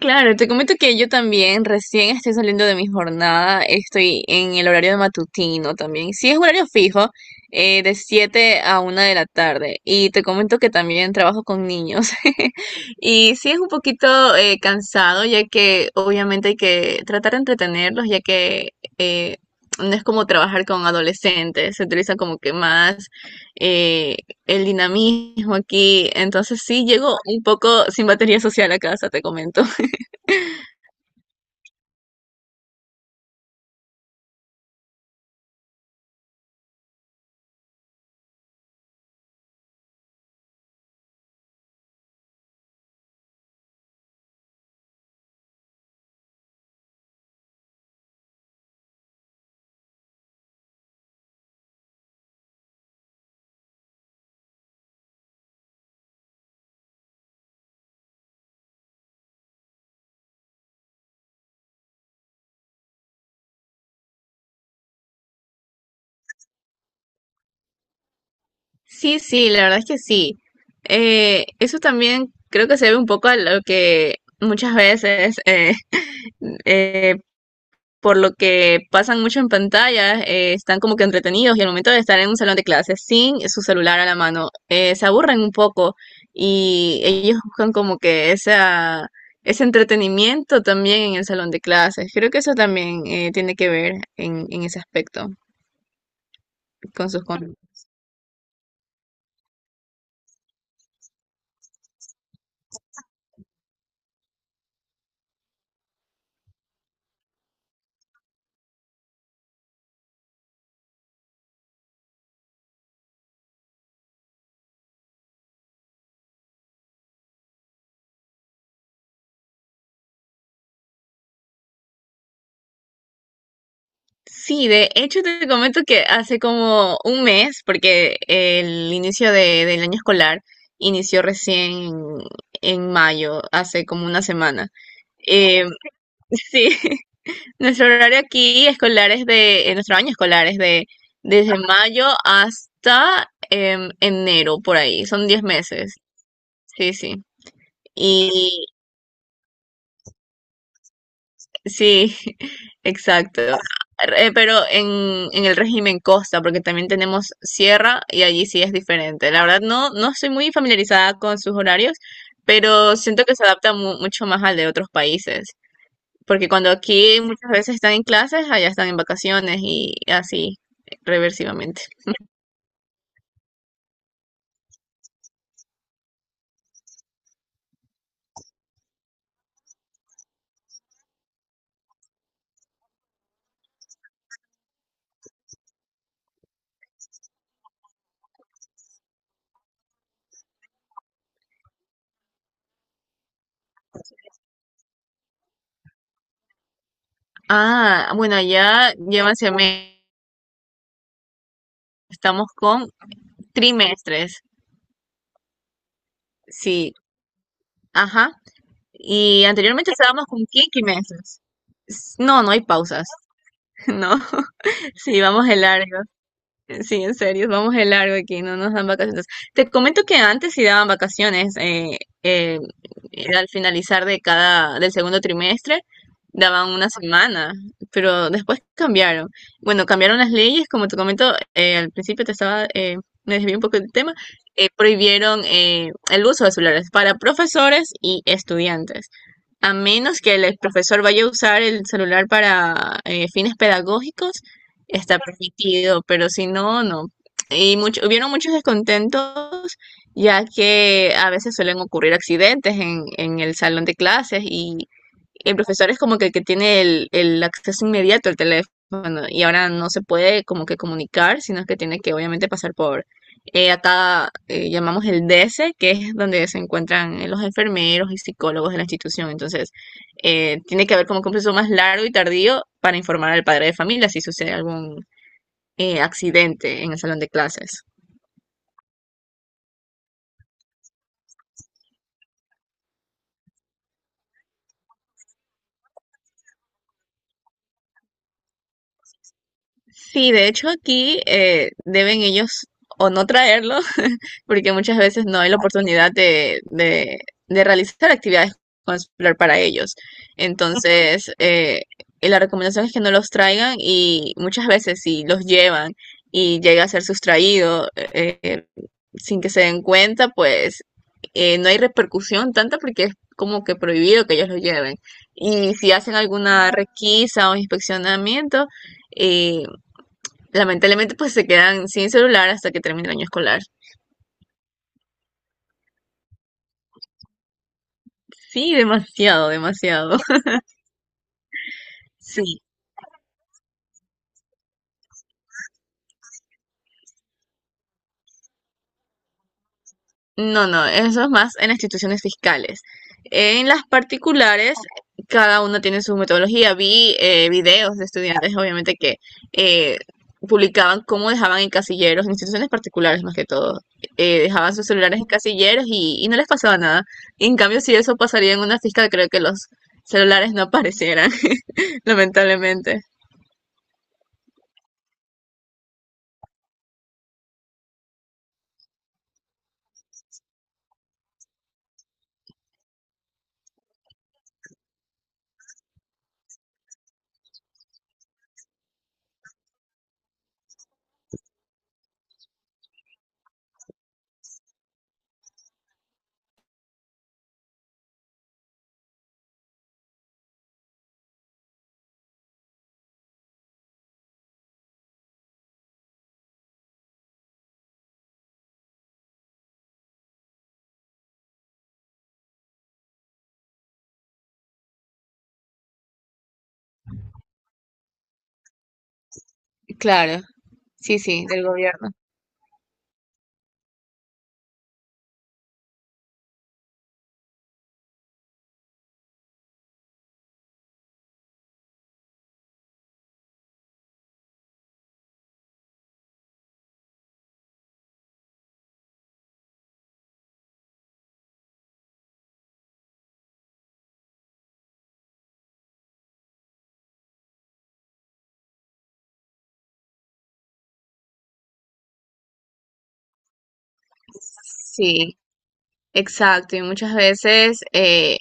Claro, te comento que yo también recién estoy saliendo de mi jornada, estoy en el horario de matutino también. Sí, es horario fijo, de 7 a una de la tarde. Y te comento que también trabajo con niños. Y sí es un poquito cansado, ya que obviamente hay que tratar de entretenerlos, ya que eh, no es como trabajar con adolescentes, se utiliza como que más eh, el dinamismo aquí. Entonces sí, llego un poco sin batería social a casa, te comento. Sí, sí, la verdad es que sí. Eso también creo que se ve un poco a lo que muchas veces eh, por lo que pasan mucho en pantalla, están como que entretenidos y al momento de estar en un salón de clases sin su celular a la mano, se aburren un poco y ellos buscan como que ese entretenimiento también en el salón de clases. Creo que eso también tiene que ver en ese aspecto con sus conductas. Sí, de hecho te comento que hace como un mes, porque el inicio del año escolar inició recién en mayo, hace como una semana. eh, Sí, nuestro año escolar es de desde mayo hasta enero, por ahí, son 10 meses, sí, sí. Y sí, exacto. Pero en el régimen costa, porque también tenemos sierra y allí sí es diferente. La verdad no, no estoy muy familiarizada con sus horarios, pero siento que se adapta mucho más al de otros países. Porque cuando aquí muchas veces están en clases, allá están en vacaciones y así reversivamente. Ah, bueno, allá llevan semestres, estamos con trimestres, sí, ajá. Y anteriormente estábamos con quinquimestres. No, no hay pausas, no. Sí, vamos a largo. Sí, en serio, vamos de largo aquí, no nos dan vacaciones. Te comento que antes sí daban vacaciones, era al finalizar del segundo trimestre, daban una semana, pero después cambiaron. Bueno, cambiaron las leyes, como te comento, al principio me desvié un poco del tema, prohibieron el uso de celulares para profesores y estudiantes. A menos que el profesor vaya a usar el celular para fines pedagógicos, está permitido, pero si no, no. Y hubieron muchos descontentos, ya que a veces suelen ocurrir accidentes en el salón de clases y el profesor es como que el que tiene el acceso inmediato al teléfono y ahora no se puede como que comunicar, sino que tiene que obviamente pasar por acá llamamos el DS, que es donde se encuentran los enfermeros y psicólogos de la institución. Entonces, tiene que haber como que un proceso más largo y tardío para informar al padre de familia si sucede algún accidente en el salón de clases. Sí, de hecho aquí deben ellos o no traerlo porque muchas veces no hay la oportunidad de realizar actividades con celular para ellos. Entonces, y la recomendación es que no los traigan y muchas veces si los llevan y llega a ser sustraído sin que se den cuenta, pues no hay repercusión tanta porque es como que prohibido que ellos lo lleven. Y si hacen alguna requisa o inspeccionamiento, eh, lamentablemente pues se quedan sin celular hasta que termine el año escolar. Sí, demasiado, demasiado. Sí, no, eso es más en las instituciones fiscales. En las particulares, cada una tiene su metodología. Vi videos de estudiantes, obviamente, que eh, publicaban cómo dejaban en casilleros, en instituciones particulares más que todo, dejaban sus celulares en casilleros y no les pasaba nada. Y en cambio, si eso pasaría en una fiscal, creo que los celulares no aparecieran, lamentablemente. Claro, sí, sí, del gobierno. Sí, exacto, y muchas veces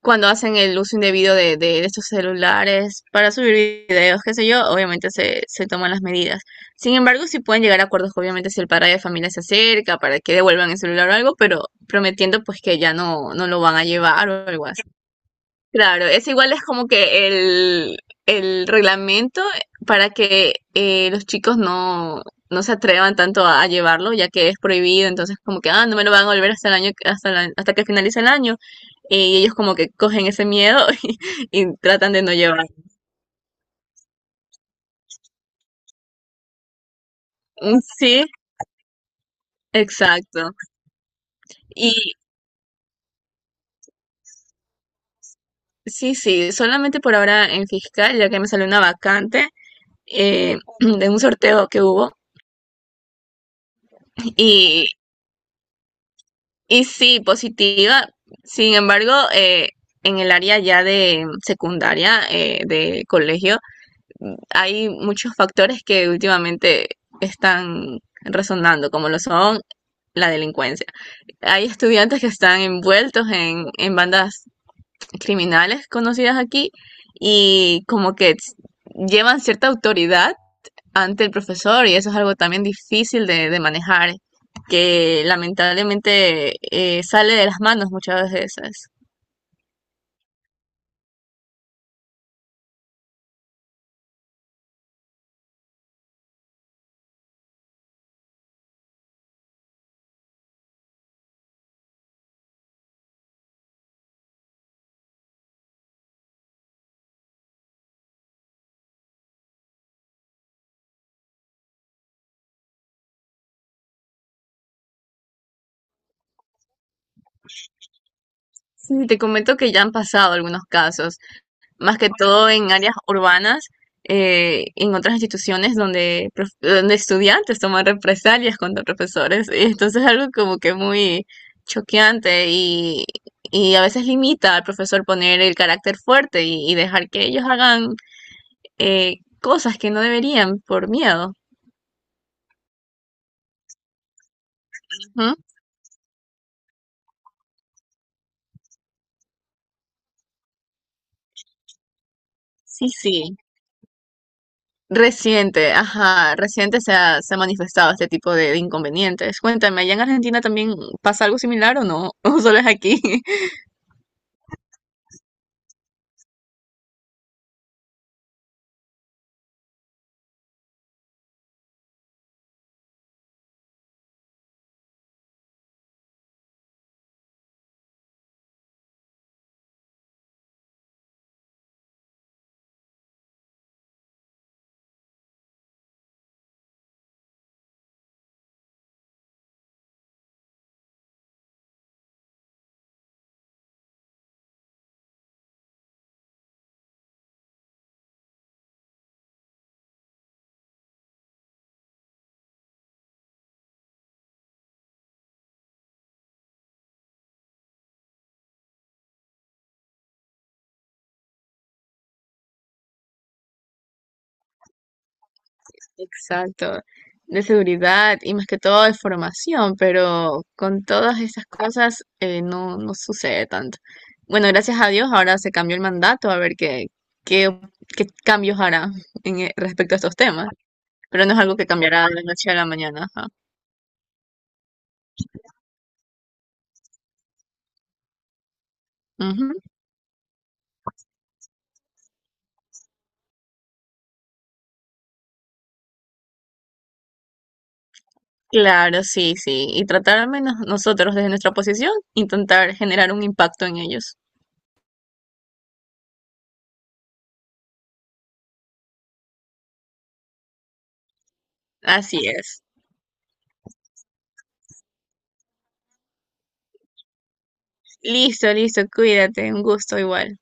cuando hacen el uso indebido de estos celulares para subir videos, qué sé yo, obviamente se toman las medidas. Sin embargo, sí pueden llegar a acuerdos, obviamente, si el padre de familia se acerca para que devuelvan el celular o algo, pero prometiendo pues que ya no, no lo van a llevar o algo así. Claro, es igual es como que el reglamento para que los chicos no, no se atrevan tanto a llevarlo, ya que es prohibido, entonces como que, ah, no me lo van a volver hasta el año, hasta que finalice el año. Y ellos como que cogen ese miedo y tratan de no llevarlo. Mm, sí, exacto. Y sí, sí, solamente por ahora en fiscal, ya que me salió una vacante de un sorteo que hubo. Y sí, positiva. Sin embargo, en el área ya de secundaria, de colegio, hay muchos factores que últimamente están resonando, como lo son la delincuencia. Hay estudiantes que están envueltos en bandas criminales conocidas aquí y como que llevan cierta autoridad ante el profesor y eso es algo también difícil de manejar, que lamentablemente sale de las manos muchas veces. Sí, te comento que ya han pasado algunos casos, más que todo en áreas urbanas, en otras instituciones donde estudiantes toman represalias contra profesores. Y entonces es algo como que muy choqueante y a veces limita al profesor poner el carácter fuerte y dejar que ellos hagan cosas que no deberían por miedo. Ujú, sí, sí. Reciente, ajá, reciente se ha manifestado este tipo de inconvenientes. Cuéntame, ¿allá en Argentina también pasa algo similar o no? ¿O solo es aquí? Exacto, de seguridad y más que todo de formación, pero con todas estas cosas no, no sucede tanto. Bueno, gracias a Dios ahora se cambió el mandato, a ver qué, qué cambios hará respecto a estos temas, pero no es algo que cambiará de la noche a la mañana. Ajá. Ujú. Claro, sí, sí. Y tratar al menos nosotros desde nuestra posición, intentar generar un impacto en ellos. Así es. Listo, listo, cuídate, un gusto igual.